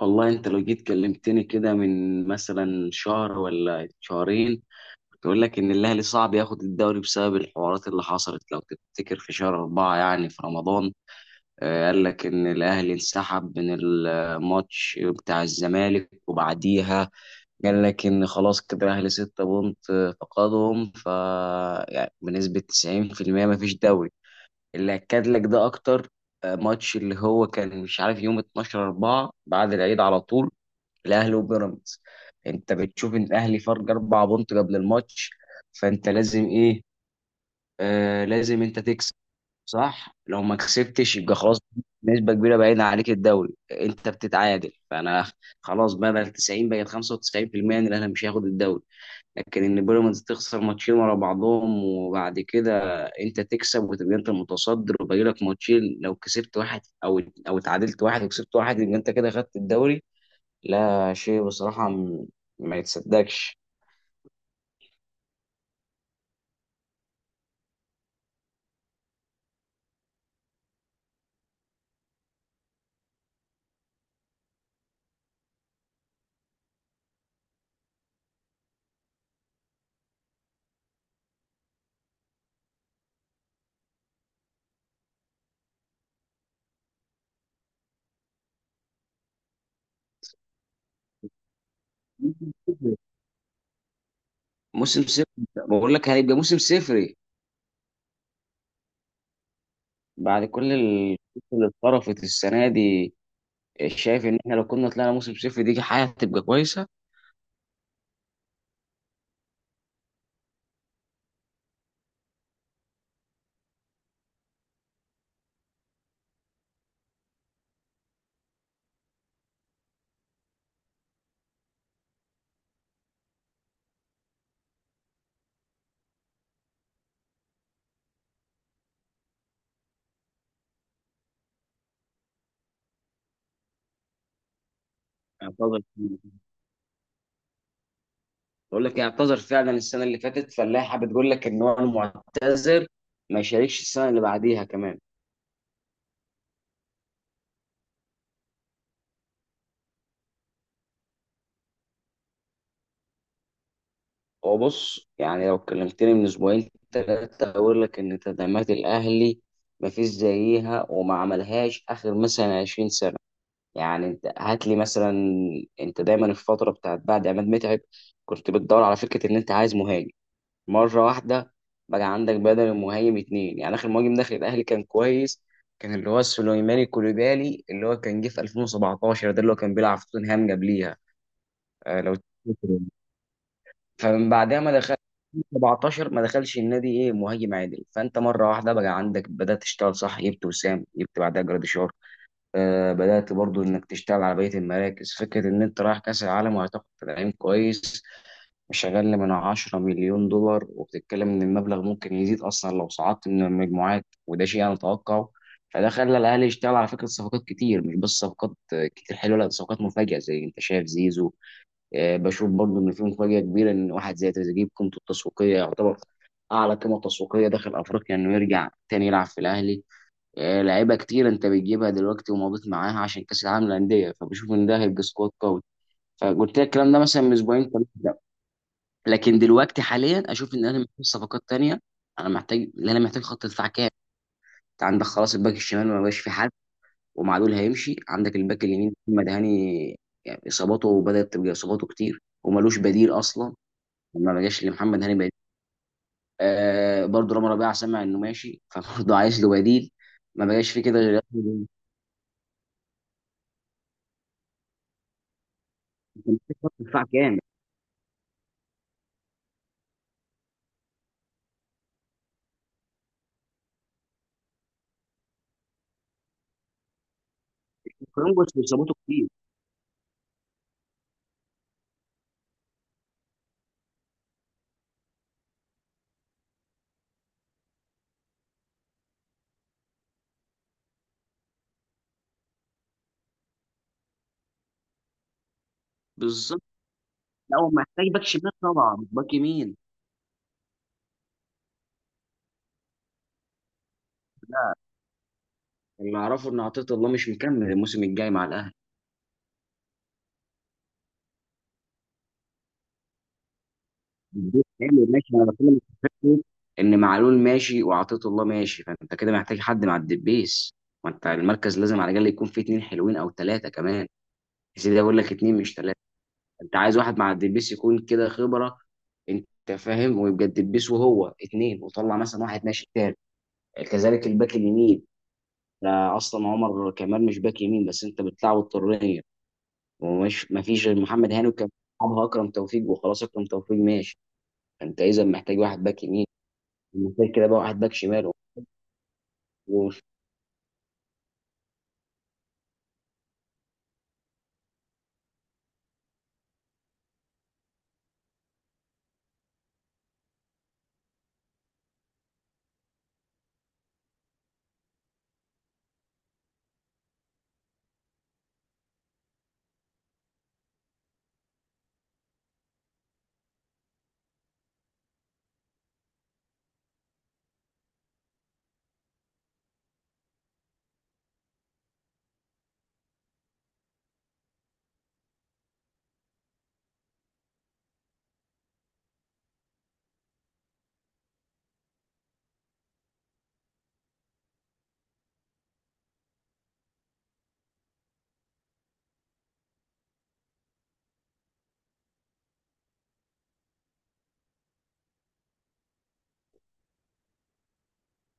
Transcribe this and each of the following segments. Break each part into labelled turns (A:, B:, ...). A: والله انت لو جيت كلمتني كده من مثلا شهر ولا شهرين، كنت اقول لك ان الاهلي صعب ياخد الدوري بسبب الحوارات اللي حصلت. لو تفتكر في شهر أربعة يعني في رمضان. قال لك ان الاهلي انسحب من الماتش بتاع الزمالك وبعديها قال لك ان خلاص كده الاهلي ستة بونت، فقدهم. يعني بنسبة 90% ما فيش دوري. اللي اكد لك ده اكتر ماتش اللي هو كان مش عارف يوم 12 4 بعد العيد على طول، الاهلي وبيراميدز. انت بتشوف ان الاهلي فرق اربع بونت قبل الماتش، فانت لازم ايه؟ لازم انت تكسب، صح؟ لو ما كسبتش يبقى خلاص، نسبه كبيره بعيدة عليك الدوري. انت بتتعادل، فانا خلاص بدل 90 بقت 95% ان الاهلي مش هياخد الدوري. لكن ان بيراميدز تخسر ماتشين ورا بعضهم وبعد كده انت تكسب وتبقى انت المتصدر، وباقي لك ماتشين، لو كسبت واحد او اتعادلت واحد وكسبت واحد يبقى انت كده خدت الدوري. لا شيء بصراحة ما يتصدقش. موسم صفر، بقول لك هيبقى موسم صفري بعد كل القصة اللي اتطرفت السنة دي. شايف ان احنا لو كنا طلعنا موسم صفر دي حاجة هتبقى كويسة؟ اعتذر، بقول لك اعتذر فعلا السنة اللي فاتت، فاللائحة بتقول لك ان هو المعتذر ما يشاركش السنة اللي بعديها كمان. هو بص، يعني لو كلمتني من اسبوعين ثلاثة اقول لك ان تدعيمات الاهلي ما فيش زيها وما عملهاش اخر مثلا 20 سنة. يعني انت هات لي مثلا، انت دايما في الفتره بتاعت بعد عماد متعب كنت بتدور على فكره ان انت عايز مهاجم. مره واحده بقى عندك بدل المهاجم اتنين. يعني اخر مهاجم داخل الاهلي كان كويس، كان اللي هو سليماني كوليبالي اللي هو كان جه في 2017، ده اللي هو كان بيلعب في توتنهام قبليها، آه لو تفتكر. فمن بعدها ما دخل 17 ما دخلش النادي ايه مهاجم عادل. فانت مره واحده بقى عندك بدات تشتغل صح، جبت وسام، جبت بعدها جراديشار. بدأت برضو إنك تشتغل على بقية المراكز، فكرة إن أنت رايح كأس العالم وهتاخد تدعيم كويس مش أقل من 10 مليون دولار، وبتتكلم إن المبلغ ممكن يزيد أصلا لو صعدت من المجموعات، وده شيء أنا أتوقعه. فده خلى الأهلي يشتغل على فكرة صفقات كتير، مش بس صفقات كتير حلوة، لا ده صفقات مفاجئة زي أنت شايف زيزو. بشوف برضو إن في مفاجأة كبيرة إن واحد زي تريزيجيه بقيمته التسويقية يعتبر أعلى قيمة تسويقية داخل أفريقيا إنه يرجع تاني يلعب في الأهلي. لعيبه كتير انت بتجيبها دلوقتي ومضيت معاها عشان كاس العالم للانديه، فبشوف ان ده هيبقى سكواد قوي. فقلت لك الكلام ده مثلا من اسبوعين ثلاثه. لا. لكن دلوقتي حاليا اشوف ان انا محتاج صفقات تانية. انا محتاج خط دفاع كامل. انت عندك خلاص الباك الشمال ما بقاش في حد، ومعلول هيمشي. عندك الباك اليمين محمد هاني، يعني اصاباته بدات تبقى اصاباته كتير وملوش بديل اصلا. ما بقاش لمحمد هاني بديل. برضه رامي ربيعه سمع انه ماشي، فبرضه عايز له بديل. ما بقاش في كده غير خط دفاع كامل. كولومبوس بيظبطه كتير. بالظبط. لا هو محتاج باك شمال طبعا، مش باك يمين. اللي اعرفه ان عطيه الله مش مكمل الموسم الجاي مع الاهلي. الدور كامل ماشي. انا بتكلم في فكره ان معلول ماشي وعطيه الله ماشي، فانت كده محتاج حد مع الدبيس. ما انت المركز لازم على الاقل يكون فيه اتنين حلوين او ثلاثه كمان. يا سيدي اقول لك اتنين مش ثلاثه. انت عايز واحد مع الدبيس يكون كده خبره، انت فاهم، ويبقى الدبيس وهو اتنين وطلع مثلا واحد ماشي تاني. كذلك الباك اليمين. لا اصلا عمر كمال مش باك يمين بس انت بتلعبه الطريه. ومش ما فيش غير محمد هاني، وكان بيلعبها اكرم توفيق وخلاص، اكرم توفيق ماشي. انت اذا محتاج واحد باك يمين، محتاج كده بقى واحد باك شمال. و-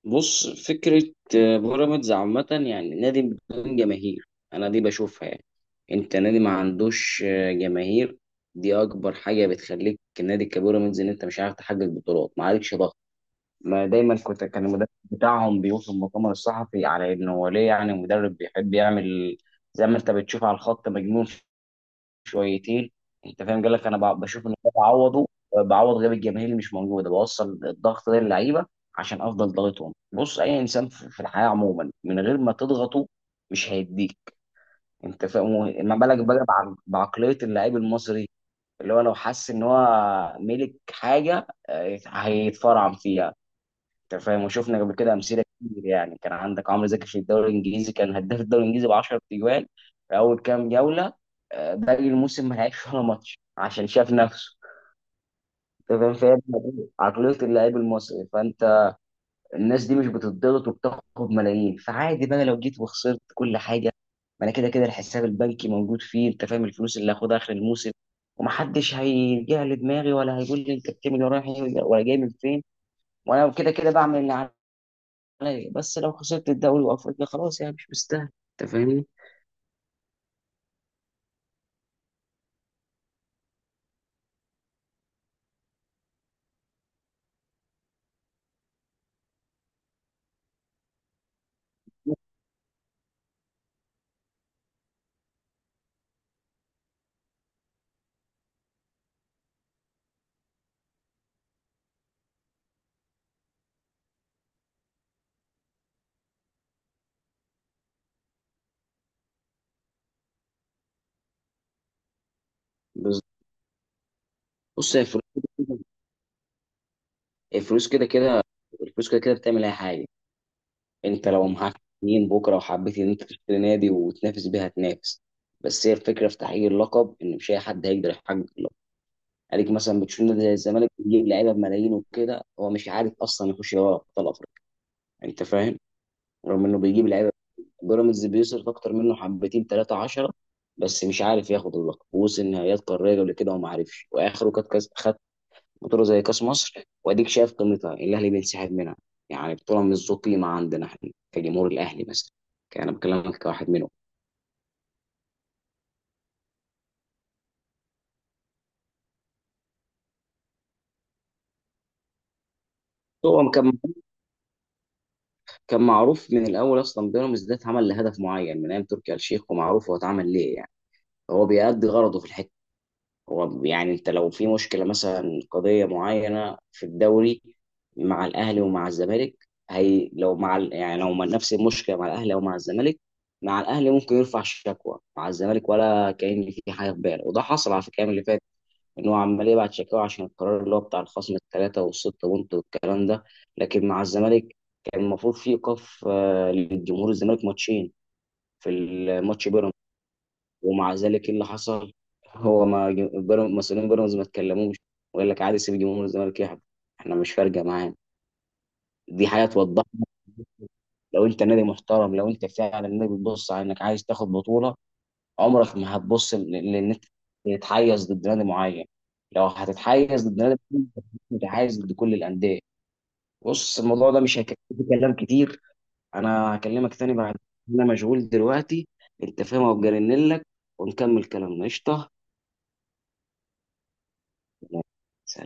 A: بص فكره، بيراميدز عامه يعني نادي بدون جماهير. انا دي بشوفها، يعني انت نادي ما عندوش جماهير. دي اكبر حاجه بتخليك النادي كبيراميدز ان انت مش عارف تحقق بطولات، ما عليكش ضغط. ما دايما كان المدرب بتاعهم بيوصف مؤتمر الصحفي على انه هو ليه، يعني مدرب بيحب يعمل زي ما انت بتشوف على الخط، مجنون شويتين. انت فاهم، قال لك انا بشوف ان أنا بعوضه، بعوض غياب الجماهير اللي مش موجوده، بوصل الضغط ده للعيبه عشان افضل ضاغطهم. بص اي انسان في الحياه عموما من غير ما تضغطه مش هيديك. انت فاهم، ما بالك بقى بعقليه اللاعب المصري اللي هو لو حس ان هو ملك حاجه هيتفرعن فيها. انت فاهم، وشفنا قبل كده امثله كتير، يعني كان عندك عمرو زكي في الدوري الانجليزي كان هداف الدوري الانجليزي ب 10 تجوان في اول كام جوله. باقي الموسم ما لعبش ولا ماتش عشان شاف نفسه. انت فاهم، فهي دي عقليه اللاعب المصري. فانت الناس دي مش بتضغط وبتاخد ملايين، فعادي بقى لو جيت وخسرت كل حاجه. ما انا كده كده الحساب البنكي موجود فيه، انت فاهم، الفلوس اللي هاخدها اخر الموسم. ومحدش هيجي لي دماغي ولا هيقول لي انت بتعمل ورايح إيه ولا جاي من فين، وانا كده كده بعمل اللي عليا. بس لو خسرت الدوري وافريقيا خلاص، يعني مش مستاهل. انت فاهمني؟ بس بص، هي الفلوس كده، الفلوس كده كده، الفلوس كده كده بتعمل اي حاجه. انت لو معاك اتنين بكره وحبيت ان انت تشتري نادي وتنافس بيها تنافس. بس هي الفكره في تحقيق اللقب ان مش اي حد هيقدر يحقق اللقب. عليك مثلا بتشوف نادي زي الزمالك بيجيب لعيبه بملايين، وكده هو مش عارف اصلا يخش دوري ابطال افريقيا. انت فاهم، رغم انه بيجيب لعيبه. بيراميدز بيصرف اكتر منه حبتين ثلاثة عشرة، بس مش عارف ياخد اللقب، ووصل نهائيات قاريه قبل كده وما عرفش، واخره كانت كاس خد بطوله زي كاس مصر واديك شايف قيمتها، الاهلي بينسحب منها. يعني بطوله مش ذو قيمه عندنا احنا كجمهور الاهلي مثلا، كان انا بكلمك كواحد منهم. هو كان معروف من الاول اصلا بيراميدز ده اتعمل لهدف معين من ايام تركي آل الشيخ، ومعروف هو اتعمل ليه، يعني هو بيأدي غرضه في الحته. هو يعني انت لو في مشكله مثلا قضيه معينه في الدوري مع الاهلي ومع الزمالك، هي لو نفس المشكله مع الاهلي او مع الزمالك، مع الاهلي ممكن يرفع شكوى، مع الزمالك ولا كأن في حاجه في باله. وده حصل على فكره الأيام اللي فات، ان هو عمال يبعت شكاوى عشان القرار اللي هو بتاع الخصم الثلاثه والسته بونت والكلام ده. لكن مع الزمالك كان المفروض في ايقاف للجمهور الزمالك ماتشين في الماتش بيراميدز، ومع ذلك ايه اللي حصل؟ هو ما ج- بيراميدز- مسؤولين بيراميدز ما اتكلموش، وقال لك عادي سيب جمهور الزمالك يحضر، احنا مش فارقه معانا. دي حاجه توضح لك، لو انت نادي محترم، لو انت فعلا نادي بتبص على انك عايز تاخد بطوله، عمرك ما هتبص لان انت تتحيز ضد نادي معين. لو هتتحيز ضد نادي معين، متحيز ضد كل الانديه. بص الموضوع ده مش هيكفي، كلام كتير. انا هكلمك تاني بعد، انا مجهول دلوقتي، انت فاهم، وجرنلك، ونكمل كلامنا، قشطه.